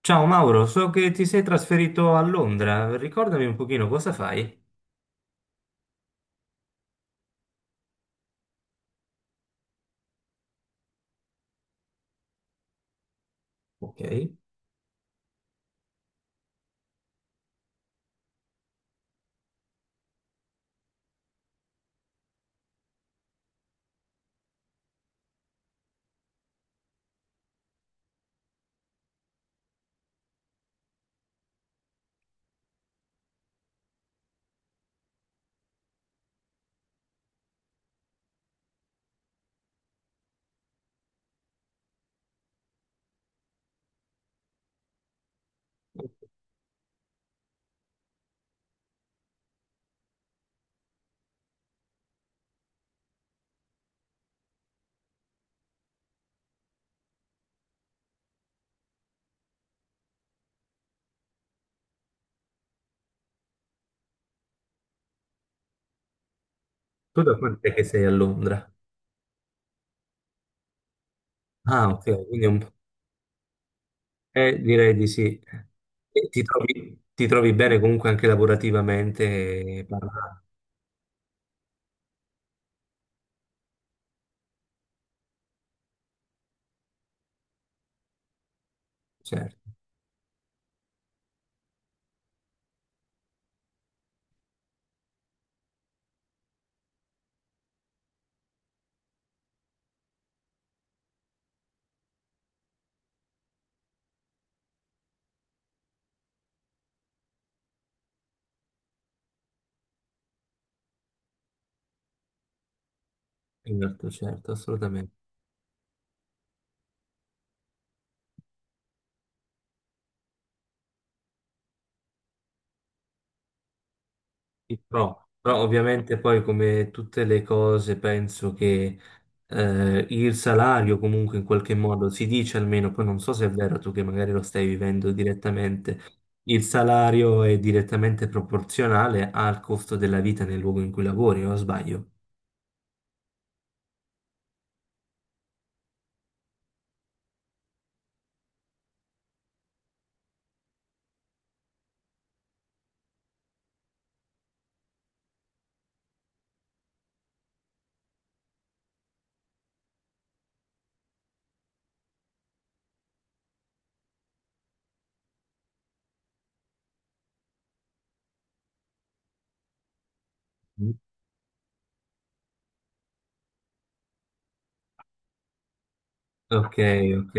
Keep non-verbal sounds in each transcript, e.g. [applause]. Ciao Mauro, so che ti sei trasferito a Londra, ricordami un pochino cosa fai. Ok, tu da quant'è che sei a Londra? Ah, ok, quindi è un po'. Direi di sì. E ti trovi bene comunque anche lavorativamente, eh, parla- certo, certo, certo, assolutamente. Sì, Però ovviamente poi come tutte le cose penso che il salario comunque in qualche modo si dice almeno, poi non so se è vero, tu che magari lo stai vivendo direttamente, il salario è direttamente proporzionale al costo della vita nel luogo in cui lavori, o sbaglio? Mm. Ok, ok.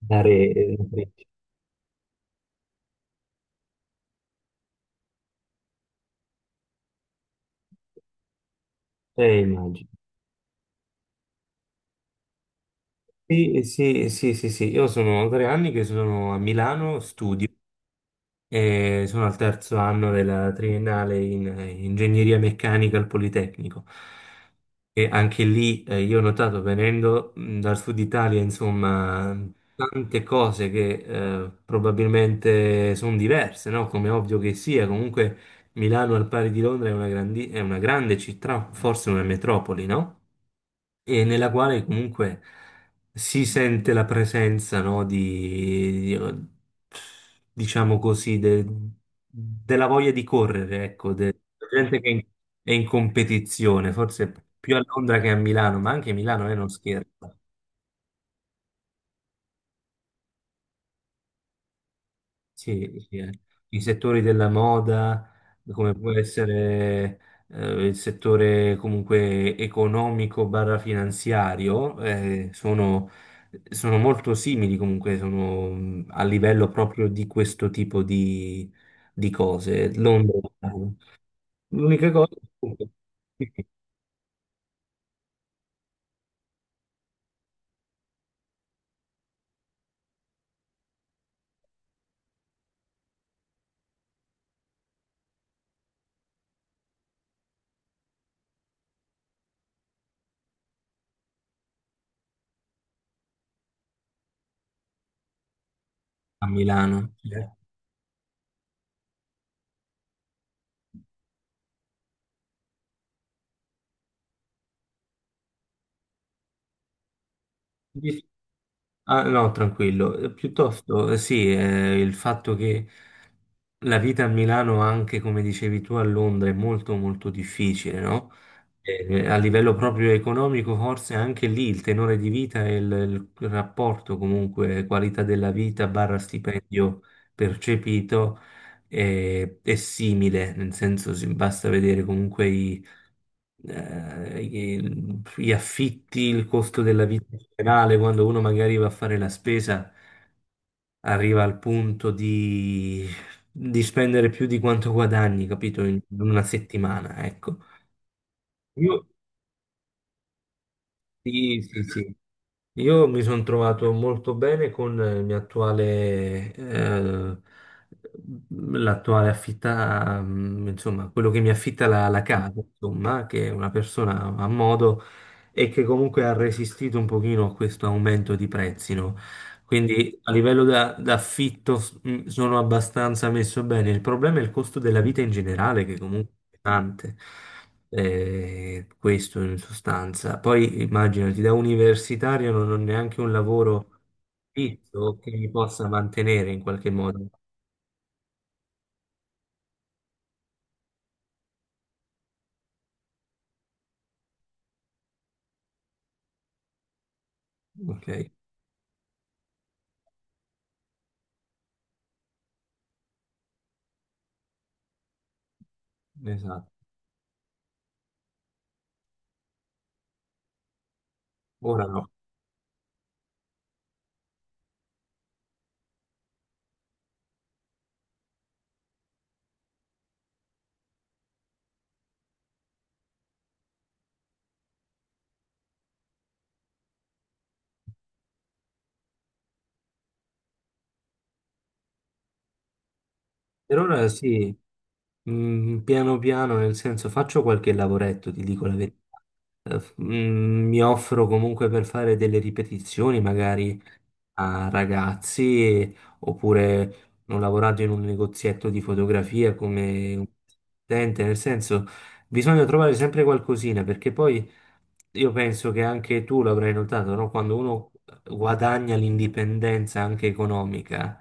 Dare, una freccia. Eh, immagino. Sì, sì, sì, sì, sì. Io sono tre anni che sono a Milano, e sono al terzo anno della triennale in ingegneria meccanica al Politecnico. E anche lì, io ho notato, venendo, dal sud Italia, insomma, tante cose che probabilmente sono diverse, no? Come è ovvio che sia. Comunque Milano al pari di Londra è è una grande città, forse una metropoli, no? E nella quale comunque si sente la presenza, no, diciamo così, della voglia di correre, ecco, della gente che è in competizione, forse più a Londra che a Milano, ma anche Milano è non scherzo. Sì, sì, eh. I settori della moda, come può essere il settore comunque economico barra finanziario, sono molto simili comunque, sono, a livello proprio di questo tipo di cose. Londra, eh. L'unica cosa è che- a Milano. Cioè, ah, no, tranquillo. Piuttosto, sì, il fatto che la vita a Milano, anche come dicevi tu a Londra, è molto molto difficile, no? A livello proprio economico, forse anche lì il tenore di vita e il rapporto comunque qualità della vita barra stipendio percepito è simile, nel senso basta vedere comunque gli affitti, il costo della vita in generale, quando uno magari va a fare la spesa, arriva al punto di spendere più di quanto guadagni, capito, in una settimana, ecco. Io, sì, sì, sì. Io mi sono trovato molto bene con il mio attuale, l'attuale affitta, insomma, quello che mi affitta la casa, insomma, che è una persona a modo e che comunque ha resistito un pochino a questo aumento di prezzi, no? Quindi a livello d'affitto sono abbastanza messo bene. Il problema è il costo della vita in generale, che comunque è pesante. Questo in sostanza. Poi immaginati, da universitario non ho neanche un lavoro fisso che mi possa mantenere in qualche modo. Ok, esatto. Ora no. Per ora sì, piano piano, nel senso faccio qualche lavoretto, ti dico la verità. Mi offro comunque per fare delle ripetizioni, magari a ragazzi, oppure ho lavorato in un negozietto di fotografia come un assistente, nel senso bisogna trovare sempre qualcosina, perché poi io penso che anche tu l'avrai notato, no? Quando uno guadagna l'indipendenza anche economica,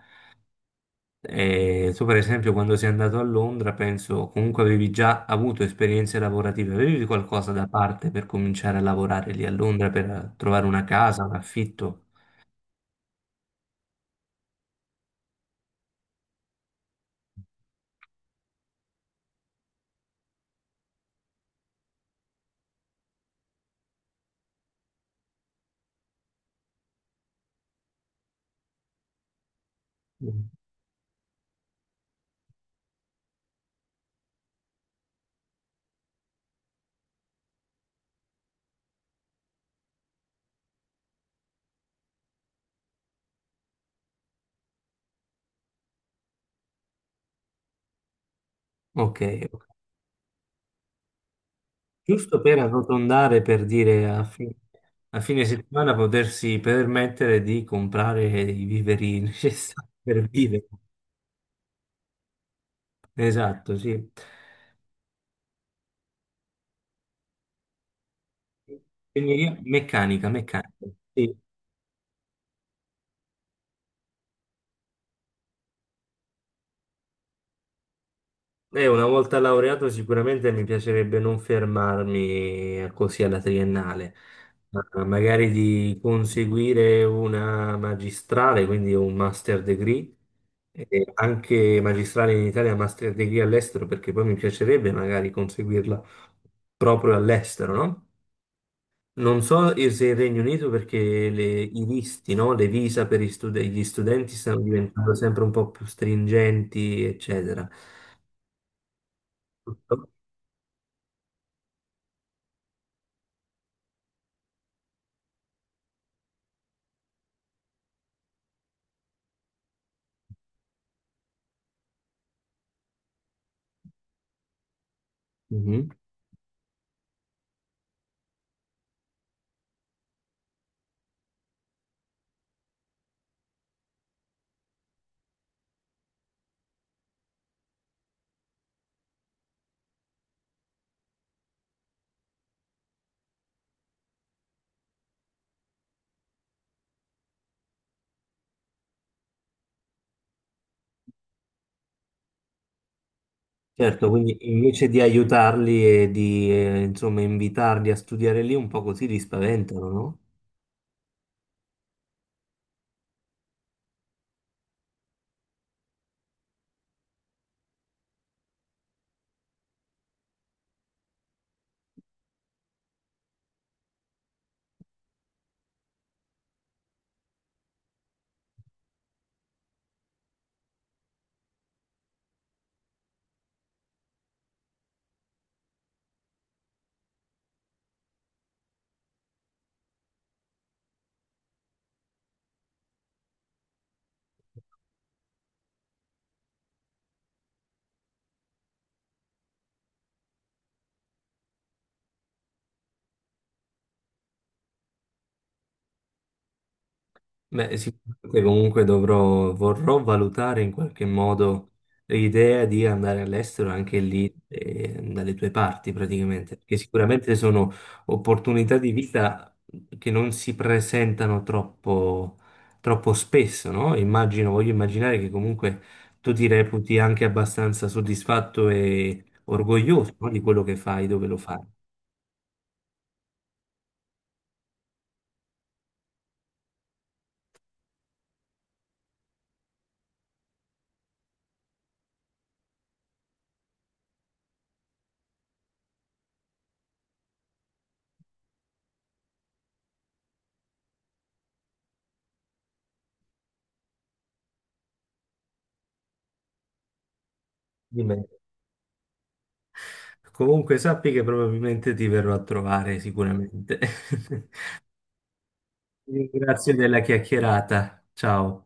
tu per esempio quando sei andato a Londra, penso comunque avevi già avuto esperienze lavorative, avevi qualcosa da parte per cominciare a lavorare lì a Londra per trovare una casa, un affitto? Mm. Ok, ok. Giusto per arrotondare, per dire a fine settimana potersi permettere di comprare i viveri [laughs] necessari per vivere. Esatto, sì. Quindi meccanica, meccanica. Sì. E una volta laureato sicuramente mi piacerebbe non fermarmi così alla triennale, ma magari di conseguire una magistrale, quindi un master degree, e anche magistrale in Italia, master degree all'estero, perché poi mi piacerebbe magari conseguirla proprio all'estero, no? Non so e se il Regno Unito perché i visti, no? Le visa per gli studenti stanno diventando sempre un po' più stringenti, eccetera. Mhm. Certo, quindi invece di aiutarli e di, insomma, invitarli a studiare lì, un po' così li spaventano, no? Beh, sicuramente comunque dovrò, vorrò valutare in qualche modo l'idea di andare all'estero anche lì, dalle tue parti praticamente, perché sicuramente sono opportunità di vita che non si presentano troppo, troppo spesso, no? Immagino, voglio immaginare che comunque tu ti reputi anche abbastanza soddisfatto e orgoglioso, no, di quello che fai, dove lo fai. Di me. Comunque sappi che probabilmente ti verrò a trovare sicuramente. [laughs] Grazie della chiacchierata. Ciao.